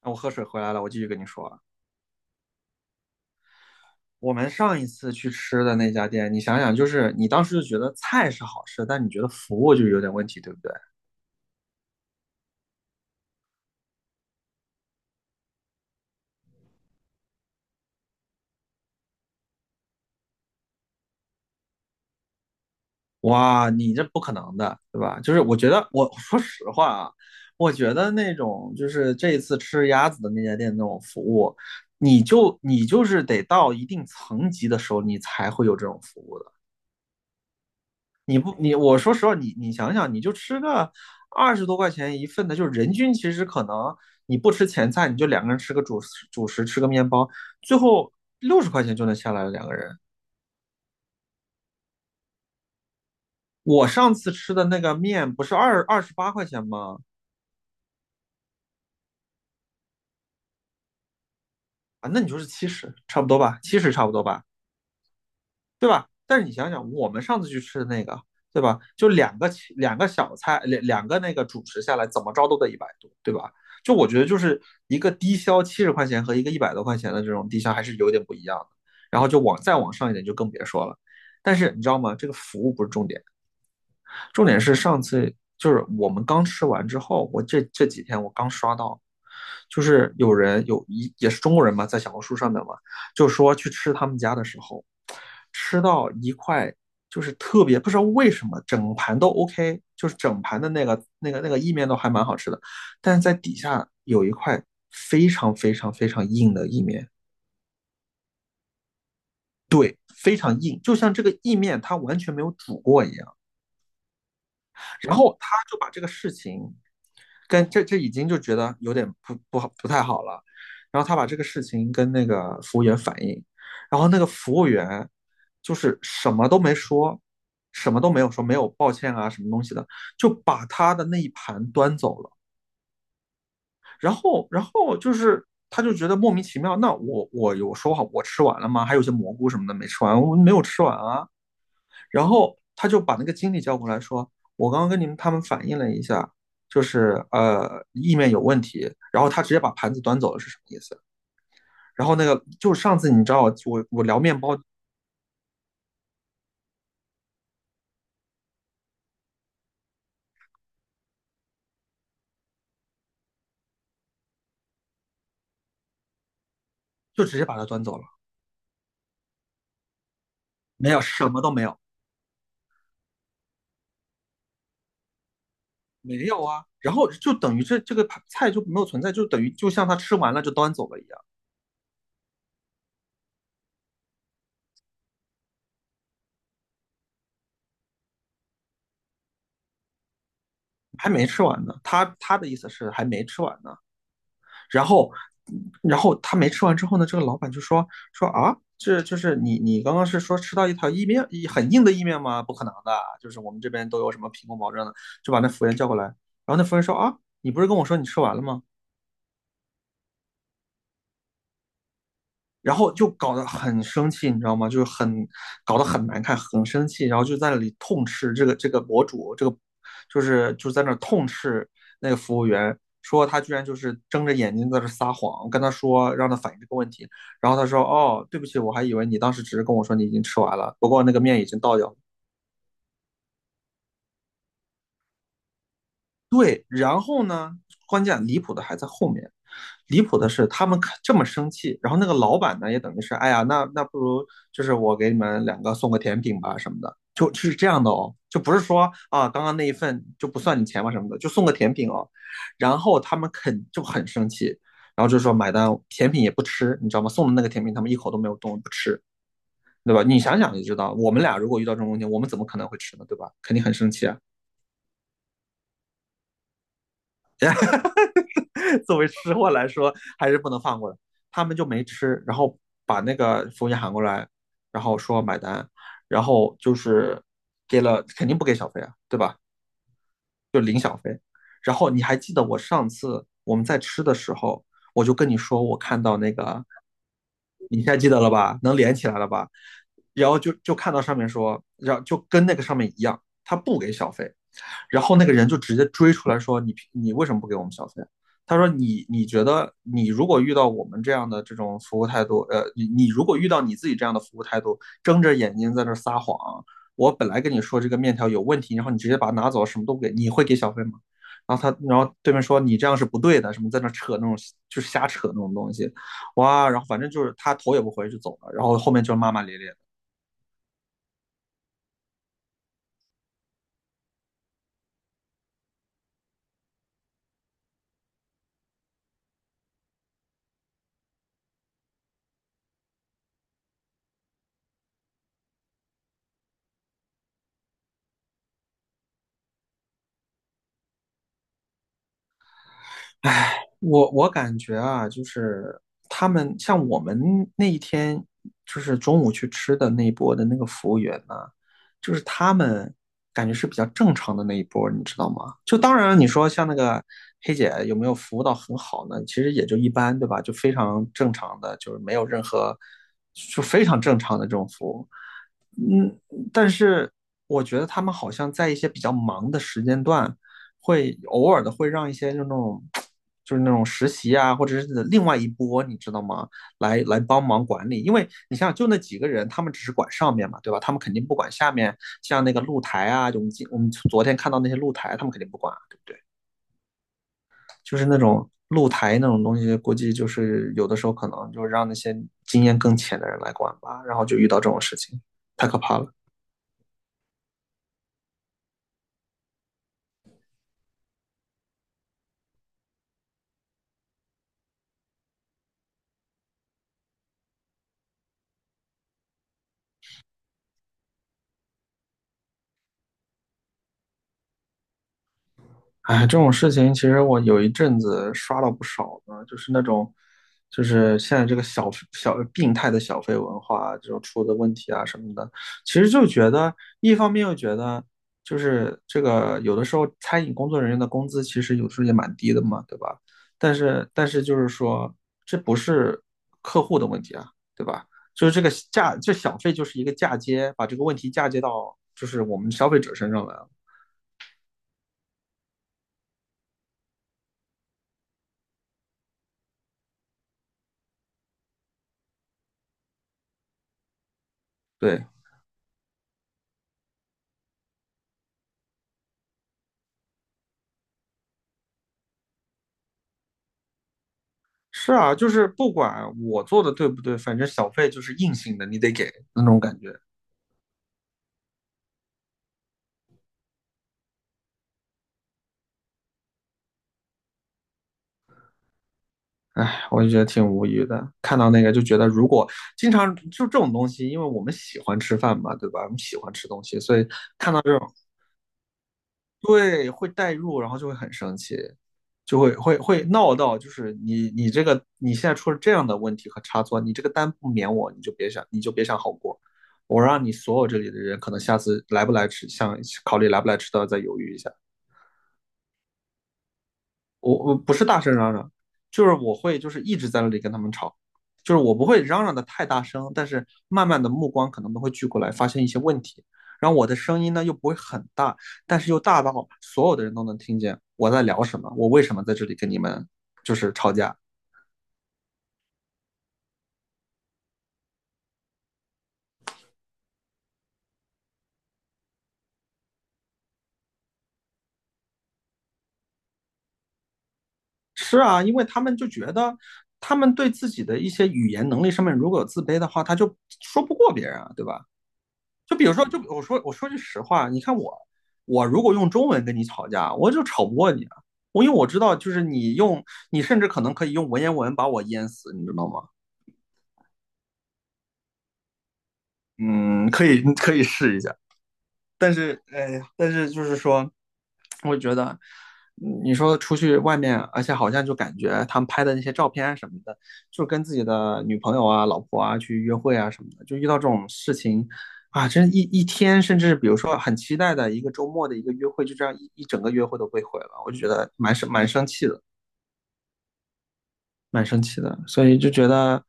我喝水回来了，我继续跟你说啊。我们上一次去吃的那家店，你想想，就是你当时就觉得菜是好吃，但你觉得服务就有点问题，对不对？哇，你这不可能的，对吧？就是我觉得，我说实话啊，我觉得那种就是这一次吃鸭子的那家店那种服务，你就是得到一定层级的时候，你才会有这种服务的。你不你我说实话，你想想，你就吃个20多块钱一份的，就是人均其实可能你不吃前菜，你就两个人吃个主食，吃个面包，最后60块钱就能下来了两个人。我上次吃的那个面不是二十八块钱吗？啊，那你就是七十，差不多吧，七十差不多吧。对吧？但是你想想，我们上次去吃的那个，对吧？就两个小菜，两个那个主食下来，怎么着都得一百多，对吧？就我觉得就是一个低消70块钱和一个100多块钱的这种低消还是有点不一样的。然后就往再往上一点就更别说了。但是你知道吗？这个服务不是重点。重点是上次就是我们刚吃完之后，我这几天我刚刷到，就是有人也是中国人嘛，在小红书上面嘛，就说去吃他们家的时候，吃到一块就是特别不知道为什么整盘都 OK，就是整盘的那个意面都还蛮好吃的，但是在底下有一块非常非常非常硬的意面，非常硬，就像这个意面它完全没有煮过一样。然后他就把这个事情跟这已经就觉得有点不太好了，然后他把这个事情跟那个服务员反映，然后那个服务员就是什么都没说，什么都没有说，没有抱歉啊什么东西的，就把他的那一盘端走了。然后就是他就觉得莫名其妙，那我有说好我吃完了吗？还有些蘑菇什么的没吃完，我没有吃完啊。然后他就把那个经理叫过来说，我刚刚跟他们反映了一下，就是意面有问题，然后他直接把盘子端走了是什么意思？然后那个就是上次你知道我聊面包就直接把它端走了，没有什么都没有，没有啊。然后就等于这个菜就没有存在，就等于就像他吃完了就端走了一样，还没吃完呢。他的意思是还没吃完呢，然后，然后他没吃完之后呢，这个老板就说啊，这就是你刚刚是说吃到一条意面很硬的意面吗？不可能的，就是我们这边都有什么品控保证的，就把那服务员叫过来。然后那服务员说啊，你不是跟我说你吃完了吗？然后就搞得很生气，你知道吗？就是搞得很难看，很生气，然后就在那里痛斥这个博主，这个就是就在那痛斥那个服务员，说他居然就是睁着眼睛在这撒谎，跟他说让他反映这个问题，然后他说哦，对不起，我还以为你当时只是跟我说你已经吃完了，不过那个面已经倒掉了。对，然后呢，关键离谱的还在后面。离谱的是，他们这么生气，然后那个老板呢，也等于是，哎呀，那不如就是我给你们两个送个甜品吧什么的，就是这样的哦，就不是说啊，刚刚那一份就不算你钱吧什么的，就送个甜品哦。然后他们肯就很生气，然后就说买单，甜品也不吃，你知道吗？送的那个甜品他们一口都没有动，不吃，对吧？你想想就知道，我们俩如果遇到这种问题，我们怎么可能会吃呢？对吧？肯定很生气啊。作为吃货来说，还是不能放过的。他们就没吃，然后把那个服务员喊过来，然后说买单，然后就是给了，肯定不给小费啊，对吧？然后你还记得我上次我们在吃的时候，我就跟你说我看到那个，你现在记得了吧？能连起来了吧？然后就看到上面说，然后就跟那个上面一样，他不给小费，然后那个人就直接追出来说你为什么不给我们小费？他说你觉得你如果遇到我们这样的这种服务态度，你如果遇到你自己这样的服务态度，睁着眼睛在那儿撒谎，我本来跟你说这个面条有问题，然后你直接把它拿走，什么都不给，你会给小费吗？然后他，然后对面说你这样是不对的，什么在那扯那种就是瞎扯那种东西，哇，然后反正就是他头也不回就走了，然后后面就骂骂咧咧的。我感觉啊，就是他们像我们那一天就是中午去吃的那一波的那个服务员呢，就是他们感觉是比较正常的那一波，你知道吗？就当然你说像那个黑姐有没有服务到很好呢？其实也就一般，对吧？就非常正常的，就是没有任何。就非常正常的这种服务，嗯，但是我觉得他们好像在一些比较忙的时间段，会偶尔的会让一些就那种，就是那种实习啊，或者是另外一波，你知道吗？来帮忙管理，因为你想想，就那几个人，他们只是管上面嘛，对吧？他们肯定不管下面，像那个露台啊，就我们昨天看到那些露台，他们肯定不管啊，对不对？就是那种露台那种东西，估计就是有的时候可能就让那些经验更浅的人来管吧，然后就遇到这种事情，太可怕了。哎，这种事情其实我有一阵子刷了不少呢，就是那种，就是现在这个小小病态的小费文化，这种出的问题啊什么的，其实就觉得一方面又觉得，就是这个有的时候餐饮工作人员的工资其实有时候也蛮低的嘛，对吧？但是就是说，这不是客户的问题啊，对吧？就是这个这小费就是一个嫁接，把这个问题嫁接到就是我们消费者身上来了，对。是啊，就是不管我做的对不对，反正小费就是硬性的，你得给那种感觉。哎，我就觉得挺无语的。看到那个就觉得，如果经常就这种东西，因为我们喜欢吃饭嘛，对吧？我们喜欢吃东西，所以看到这种，对，会代入，然后就会很生气，就会闹到，就是你这个你现在出了这样的问题和差错，你这个单不免我，你就别想好过。我让你所有这里的人，可能下次来不来吃，想考虑来不来吃都要再犹豫一下。我不是大声嚷嚷，就是我会就是一直在那里跟他们吵，就是我不会嚷嚷的太大声，但是慢慢的目光可能都会聚过来，发现一些问题，然后我的声音呢又不会很大，但是又大到所有的人都能听见我在聊什么，我为什么在这里跟你们就是吵架。是啊，因为他们就觉得他们对自己的一些语言能力上面如果有自卑的话，他就说不过别人啊，对吧？就比如说，就我说句实话，你看我，我如果用中文跟你吵架，我就吵不过你啊。我因为我知道，就是你用，你甚至可能可以用文言文把我淹死，你知道吗？嗯，可以，可以试一下。但是，哎呀，但是就是说，我觉得你说出去外面，而且好像就感觉他们拍的那些照片什么的，就跟自己的女朋友啊、老婆啊去约会啊什么的，就遇到这种事情啊，真一天，甚至比如说很期待的一个周末的一个约会，就这样整个约会都被毁了，我就觉得蛮生气的，蛮生气的，所以就觉得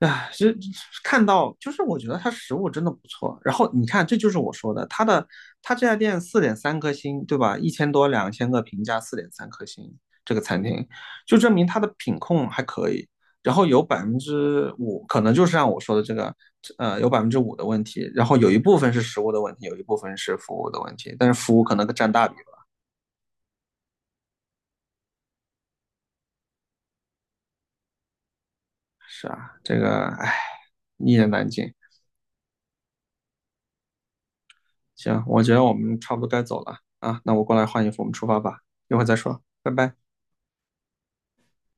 唉，是看到，就是我觉得它食物真的不错。然后你看，这就是我说的，它这家店四点三颗星，对吧？1000多2000个评价，四点三颗星，这个餐厅就证明它的品控还可以。然后有百分之五，可能就是像我说的这个，有百分之五的问题。然后有一部分是食物的问题，有一部分是服务的问题，但是服务可能占大比吧。是啊，这个唉，一言难尽。行，我觉得我们差不多该走了啊，那我过来换衣服，我们出发吧，一会儿再说，拜拜。